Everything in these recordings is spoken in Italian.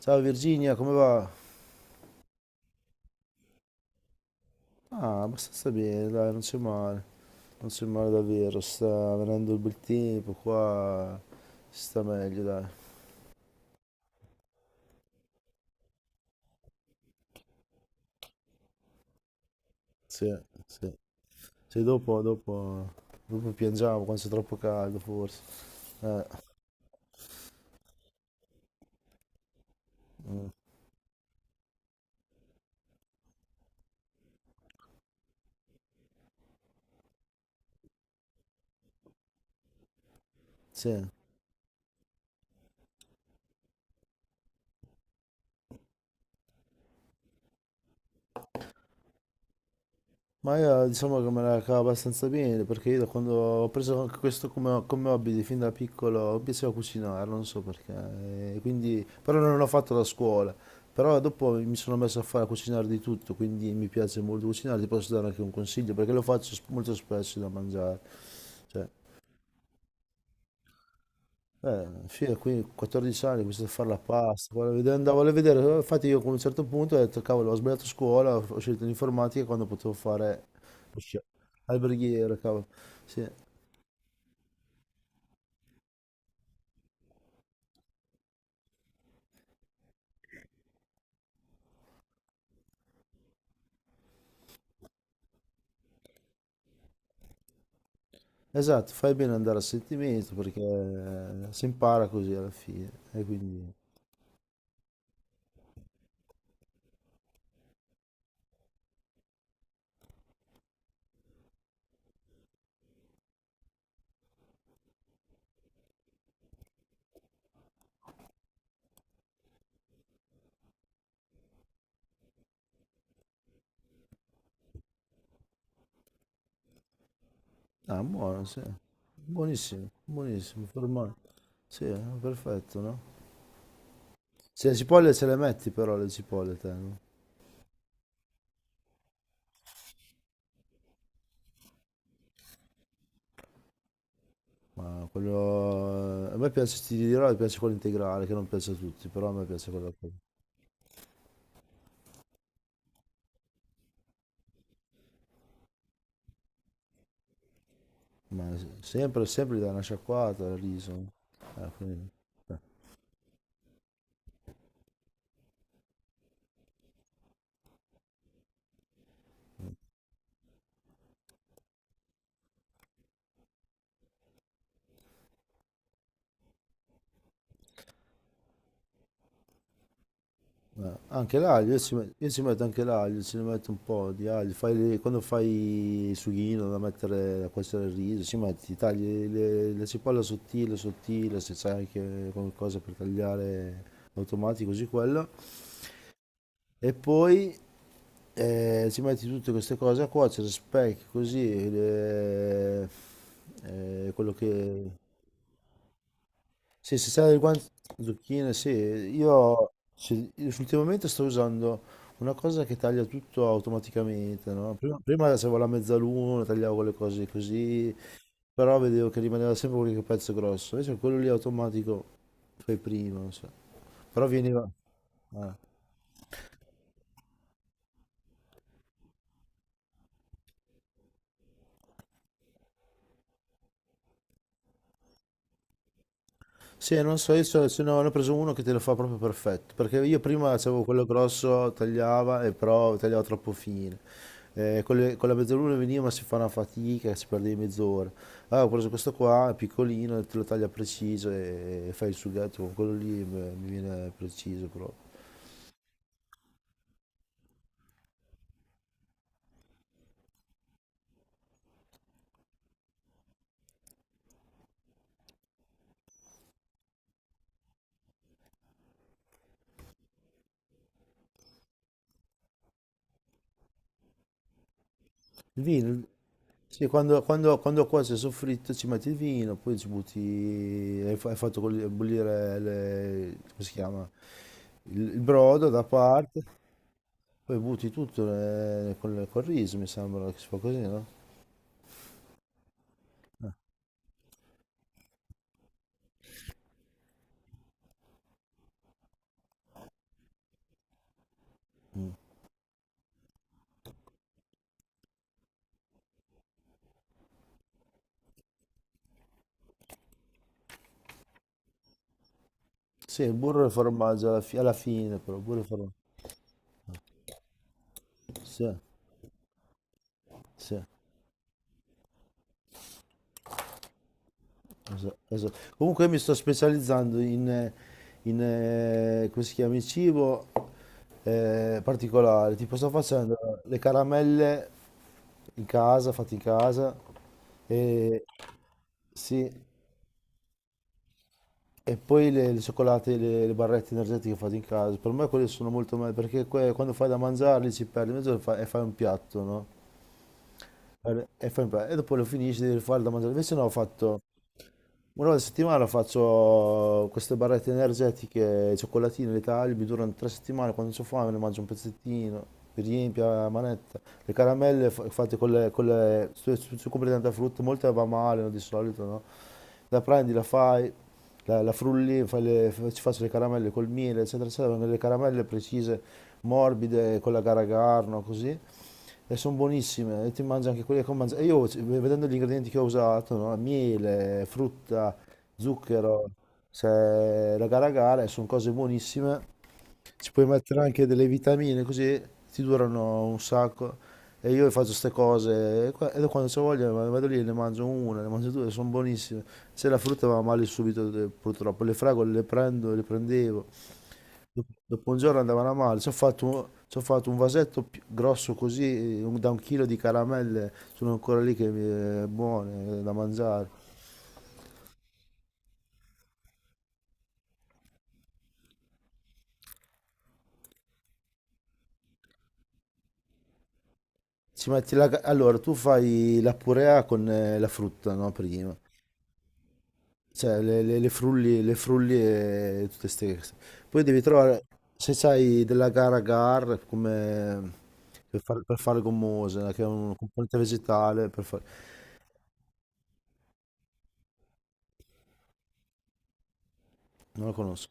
Ciao Virginia, come va? Ah, abbastanza bene, dai, non c'è male. Non c'è male davvero, sta venendo il bel tempo qua, si sta meglio, dai. Sì, sì. Sì, dopo piangiamo quando c'è troppo caldo, forse. Eh, sì. Ma io diciamo che me la cavo abbastanza bene perché io da quando ho preso anche questo come hobby di fin da piccolo mi piaceva cucinare, non so perché, e quindi, però non l'ho fatto da scuola, però dopo mi sono messo a fare a cucinare di tutto, quindi mi piace molto cucinare, ti posso dare anche un consiglio perché lo faccio molto spesso da mangiare, cioè figa, qui 14 anni, ho iniziato a fare la pasta, poi andavo a vedere, infatti io a un certo punto ho detto, cavolo, ho sbagliato scuola, ho scelto l'informatica quando potevo fare lo sci- alberghiero, cavolo. Sì, esatto, fai bene ad andare a sentimento perché si impara così alla fine, e quindi, ah, buono, sì, buonissimo, buonissimo, formato, sì, perfetto, no? Se le cipolle ce le metti però, le cipolle te, no? Ma quello, a me piace, ti dirò, mi piace quello integrale, che non piace a tutti, però a me piace quello. Sempre, sempre gli dai una sciacquata al riso. Eh, quindi- Anche l'aglio, io ci metto anche l'aglio, ci ne metto un po' di aglio. Quando fai il sughino da mettere, da cuocere il riso, ci metti, la cipolla sottile, sottile, se c'è anche qualcosa per tagliare automatico, così quello. E poi ci metti tutte queste cose a cuocere, specchi così, quello che... Sì, se c'è del guanto, zucchine, io ultimamente sto usando una cosa che taglia tutto automaticamente, no? Prima avevo la mezzaluna, tagliavo le cose così, però vedevo che rimaneva sempre qualche pezzo grosso, invece quello lì automatico fai prima, non so. Però veniva... eh. Sì, non so, se no, ne ho preso uno che te lo fa proprio perfetto, perché io prima avevo quello grosso, tagliava, e però tagliava troppo fine. Con la mezzaluna veniva, ma si fa una fatica, si perde mezz'ora. Allora ho preso questo qua, è piccolino, te lo taglia preciso e fai il sughetto con quello lì, beh, mi viene preciso proprio. Il vino, sì, quando cuoce il soffritto ci metti il vino, poi ci butti, hai fatto bollire, come si chiama? Il brodo da parte. Poi butti tutto col riso, mi sembra che si fa così, no? Eh. Sì, il burro e il formaggio alla fine, però, burro e formaggio. Sì, sì, esatto. Comunque io mi sto specializzando in, come si chiama, in cibo particolare. Tipo sto facendo le caramelle in casa, fatte in casa, e sì, e poi le cioccolate, le barrette energetiche fatte in casa, per me quelle sono molto meglio perché quando fai da mangiarli ci perdi mezz'ora e e fai un piatto, no? E dopo lo finisci, devi fare da mangiare. Invece no, ho fatto una volta a settimana, faccio queste barrette energetiche, cioccolatine, le taglio, mi durano tre settimane, quando ho fame ne mangio un pezzettino, mi riempio la manetta. Fatte con le, se compri tanta frutta, molte va male, no, di solito, no? La prendi, la fai, la frulli, ci faccio le caramelle col miele, eccetera, eccetera, vengono le caramelle precise, morbide, con la gara così e sono buonissime, e ti mangi anche quelle che ho mangiato. E io, vedendo gli ingredienti che ho usato, no, miele, frutta, zucchero, raga raga, e sono cose buonissime. Ci puoi mettere anche delle vitamine, così ti durano un sacco. E io faccio queste cose, e e quando c'ho voglia vado lì e ne mangio una, ne mangio due, sono buonissime. Se la frutta va male subito, purtroppo. Le fragole le prendo, le prendevo. Dopo un giorno andavano a male, ci ho fatto un grosso così, da un chilo di caramelle, sono ancora lì che buone, da mangiare. Ci metti la, ca- Allora, tu fai la purea con la frutta, no? Prima. Cioè, le frulli e tutte ste cose. Poi devi trovare, se sai, della gara agar, come... per fare gommose, che è un componente vegetale, per fare... Non la conosco.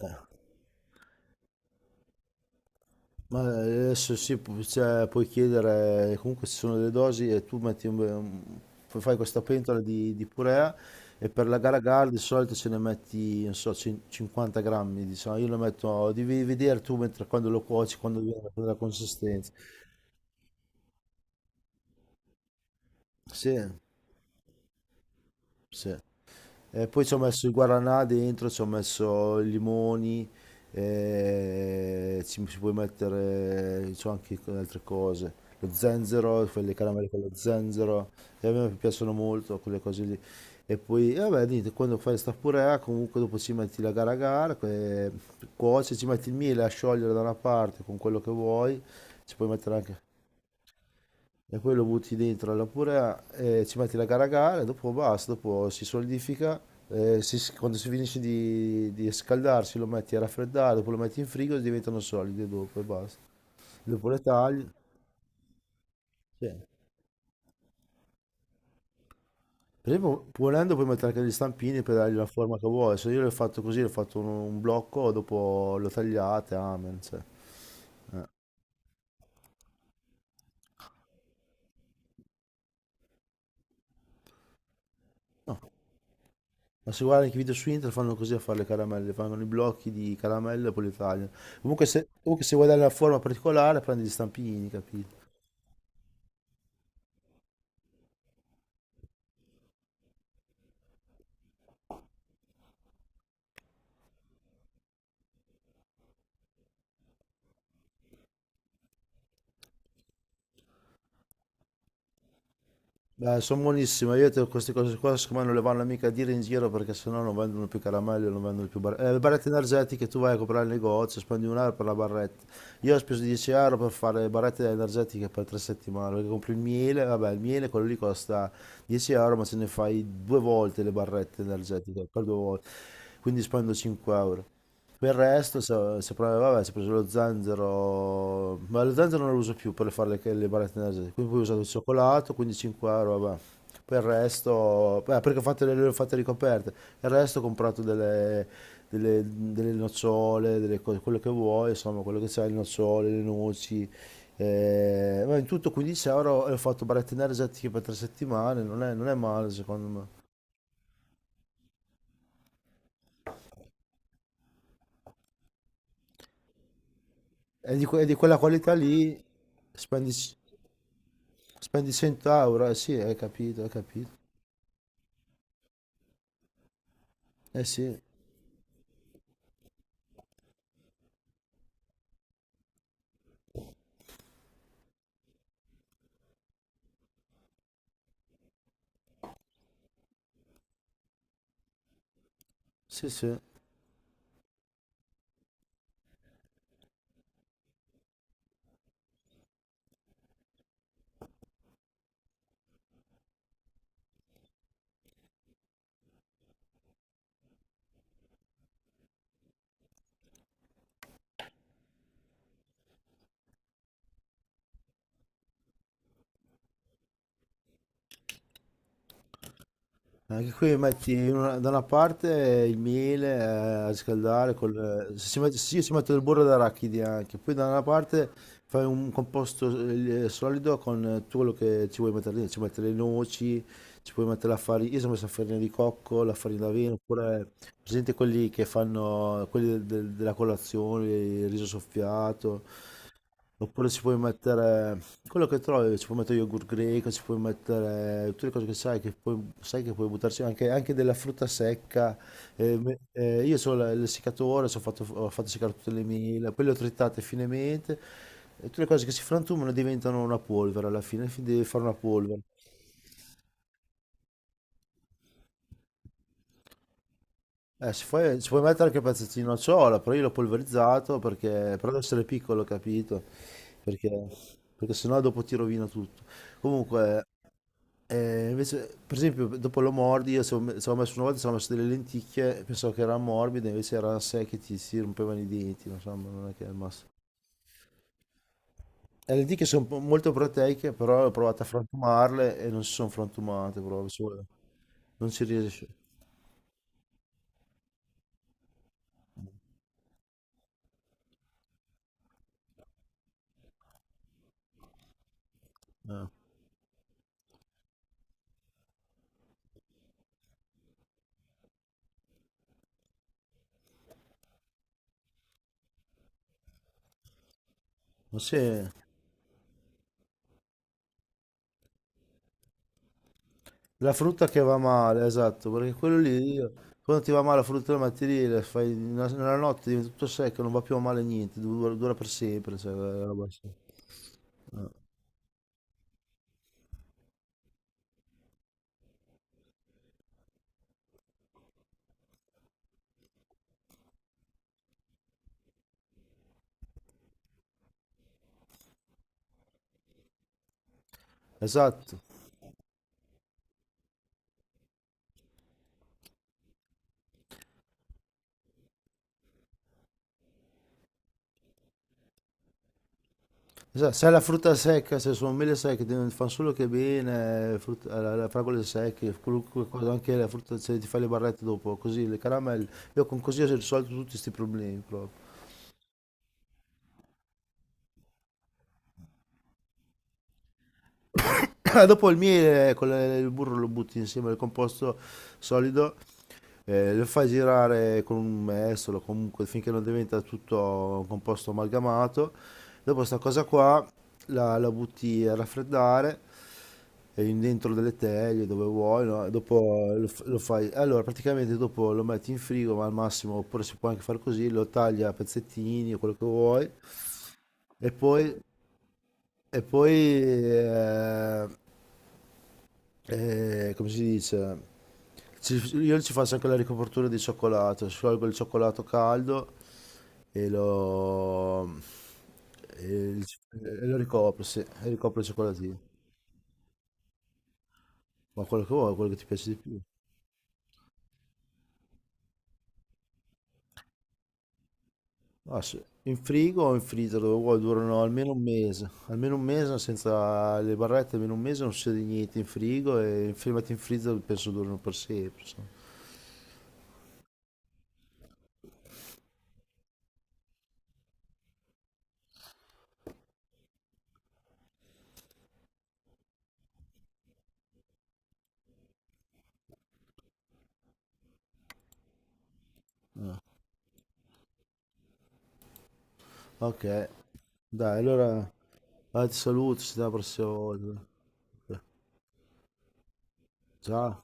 Eh. Ma eh, Adesso sì, cioè, puoi chiedere, comunque ci sono delle dosi e tu metti fai questa pentola di purea e per la gara gara di solito ce ne metti, non so, 50 grammi, diciamo, io lo metto, devi vedere tu mentre quando lo cuoci, quando viene la consistenza. Sì, sì. Poi ci ho messo il guaranà dentro, ci ho messo i limoni, ci puoi mettere, c'ho anche con altre cose, lo zenzero, quelle caramelle con lo zenzero, e a me piacciono molto quelle cose lì. E poi, vabbè, niente, quando fai sta purea, comunque dopo ci metti la gara a gara, cuoci, ci metti il miele a sciogliere da una parte con quello che vuoi, ci puoi mettere anche e poi lo butti dentro alla purea, ci metti la caragana e dopo basta, dopo si solidifica, quando si finisce di scaldarsi lo metti a raffreddare, dopo lo metti in frigo e diventano solide dopo e basta. Dopo le tagli. Sì. Per esempio, volendo puoi mettere anche degli stampini per dargli la forma che vuoi, se io l'ho fatto così, l'ho fatto un blocco, dopo lo tagliate, amen. Cioè. Ma se guardi anche i video su internet fanno così a fare le caramelle, fanno i blocchi di caramelle e poi li tagliano. Comunque se vuoi dare una forma particolare prendi gli stampini, capito? Beh, sono buonissime, queste cose qua secondo me non le vanno mica a dire in giro perché sennò non vendono più caramelle, non vendono più barrette. Le barrette energetiche tu vai a comprare il negozio, spendi un euro per la barretta. Io ho speso 10 euro per fare le barrette energetiche per tre settimane, perché compri il miele, vabbè il miele quello lì costa 10 euro, ma se ne fai due volte le barrette energetiche, per due volte, quindi spendo 5 euro. Per il resto, se provi- vabbè, si è preso lo zenzero, ma lo zenzero non lo uso più per fare le barrette energetiche, quindi poi ho usato il cioccolato, quindi 5 euro, vabbè. Per il resto, beh, perché ho fatto le ho fatte ricoperte, il resto ho comprato delle nocciole, delle cose, quello che vuoi, insomma, quello che c'è, le nocciole, le noci, ma in tutto 15 euro e ho fatto barrette energetiche per tre settimane, non è, non è male secondo me. È di quella qualità lì, spendi... Spendi 100 euro, eh sì, hai capito, hai capito. Eh sì, sì, sì. Anche qui da una parte il miele a riscaldare, col, se si mette, sì, si mette del burro d'arachidi anche, poi da una parte fai un composto solido con tutto quello che ci vuoi mettere dentro, ci metti le noci, ci puoi mettere la farina, io sono messo la farina di cocco, la farina d'avena, oppure presente quelli che fanno, della colazione, il riso soffiato, oppure ci puoi mettere quello che trovi, ci puoi mettere yogurt greco, ci puoi mettere tutte le cose che sai che puoi buttarci anche, anche della frutta secca. Io ho il seccatore, ho fatto seccare tutte le mele, poi le ho trittate finemente. E tutte le cose che si frantumano diventano una polvere alla fine, devi fare una polvere. Si puoi, ci puoi mettere anche pezzettino a ciotola, però io l'ho polverizzato perché, però deve essere piccolo, capito? Perché, perché sennò dopo ti rovina tutto. Comunque, invece, per esempio, dopo lo mordi, io ci avevo messo una volta, ci avevo messo delle lenticchie, pensavo che erano morbide, invece erano secche, ti si rompevano i denti, insomma, non è che è il massimo. Le lenticchie sono molto proteiche, però ho provato a frantumarle e non si sono frantumate, proprio, non si riesce. Eh. Ma sì. La frutta che va male, esatto, perché quello lì, quando ti va male la frutta del mattiere, nella notte diventa tutto secco, non va più male niente, dura, dura per sempre, cioè, la roba sì. Eh, esatto, esatto, se hai la frutta secca, se sono mele secche, ti fanno solo che bene, frutta, fragole secche, qualunque cosa, anche la frutta, se ti fai le barrette dopo, così, le caramelle, io con così ho risolto tutti questi problemi proprio. Dopo il miele con il burro lo butti insieme al composto solido. Lo fai girare con un mestolo, comunque finché non diventa tutto un composto amalgamato. Dopo sta cosa qua la butti a raffreddare dentro delle teglie dove vuoi, no? E dopo lo fai. Allora, praticamente dopo lo metti in frigo, ma al massimo, oppure si può anche fare così, lo taglia a pezzettini, quello che vuoi, e poi, e poi eh, come si dice? Io ci faccio anche la ricopertura di cioccolato, sciolgo il cioccolato caldo e e il- e lo ricopro, sì, e ricopro il cioccolatino. Ma quello che vuoi, quello che ti piace di più. Ah, sì. In frigo o in freezer dove vuoi durano almeno un mese senza le barrette, almeno un mese non succede niente in frigo e in fermati in freezer penso durano per sempre. Insomma. Ok, dai, allora, dai, ti saluto, ci vediamo la prossima volta. Ciao.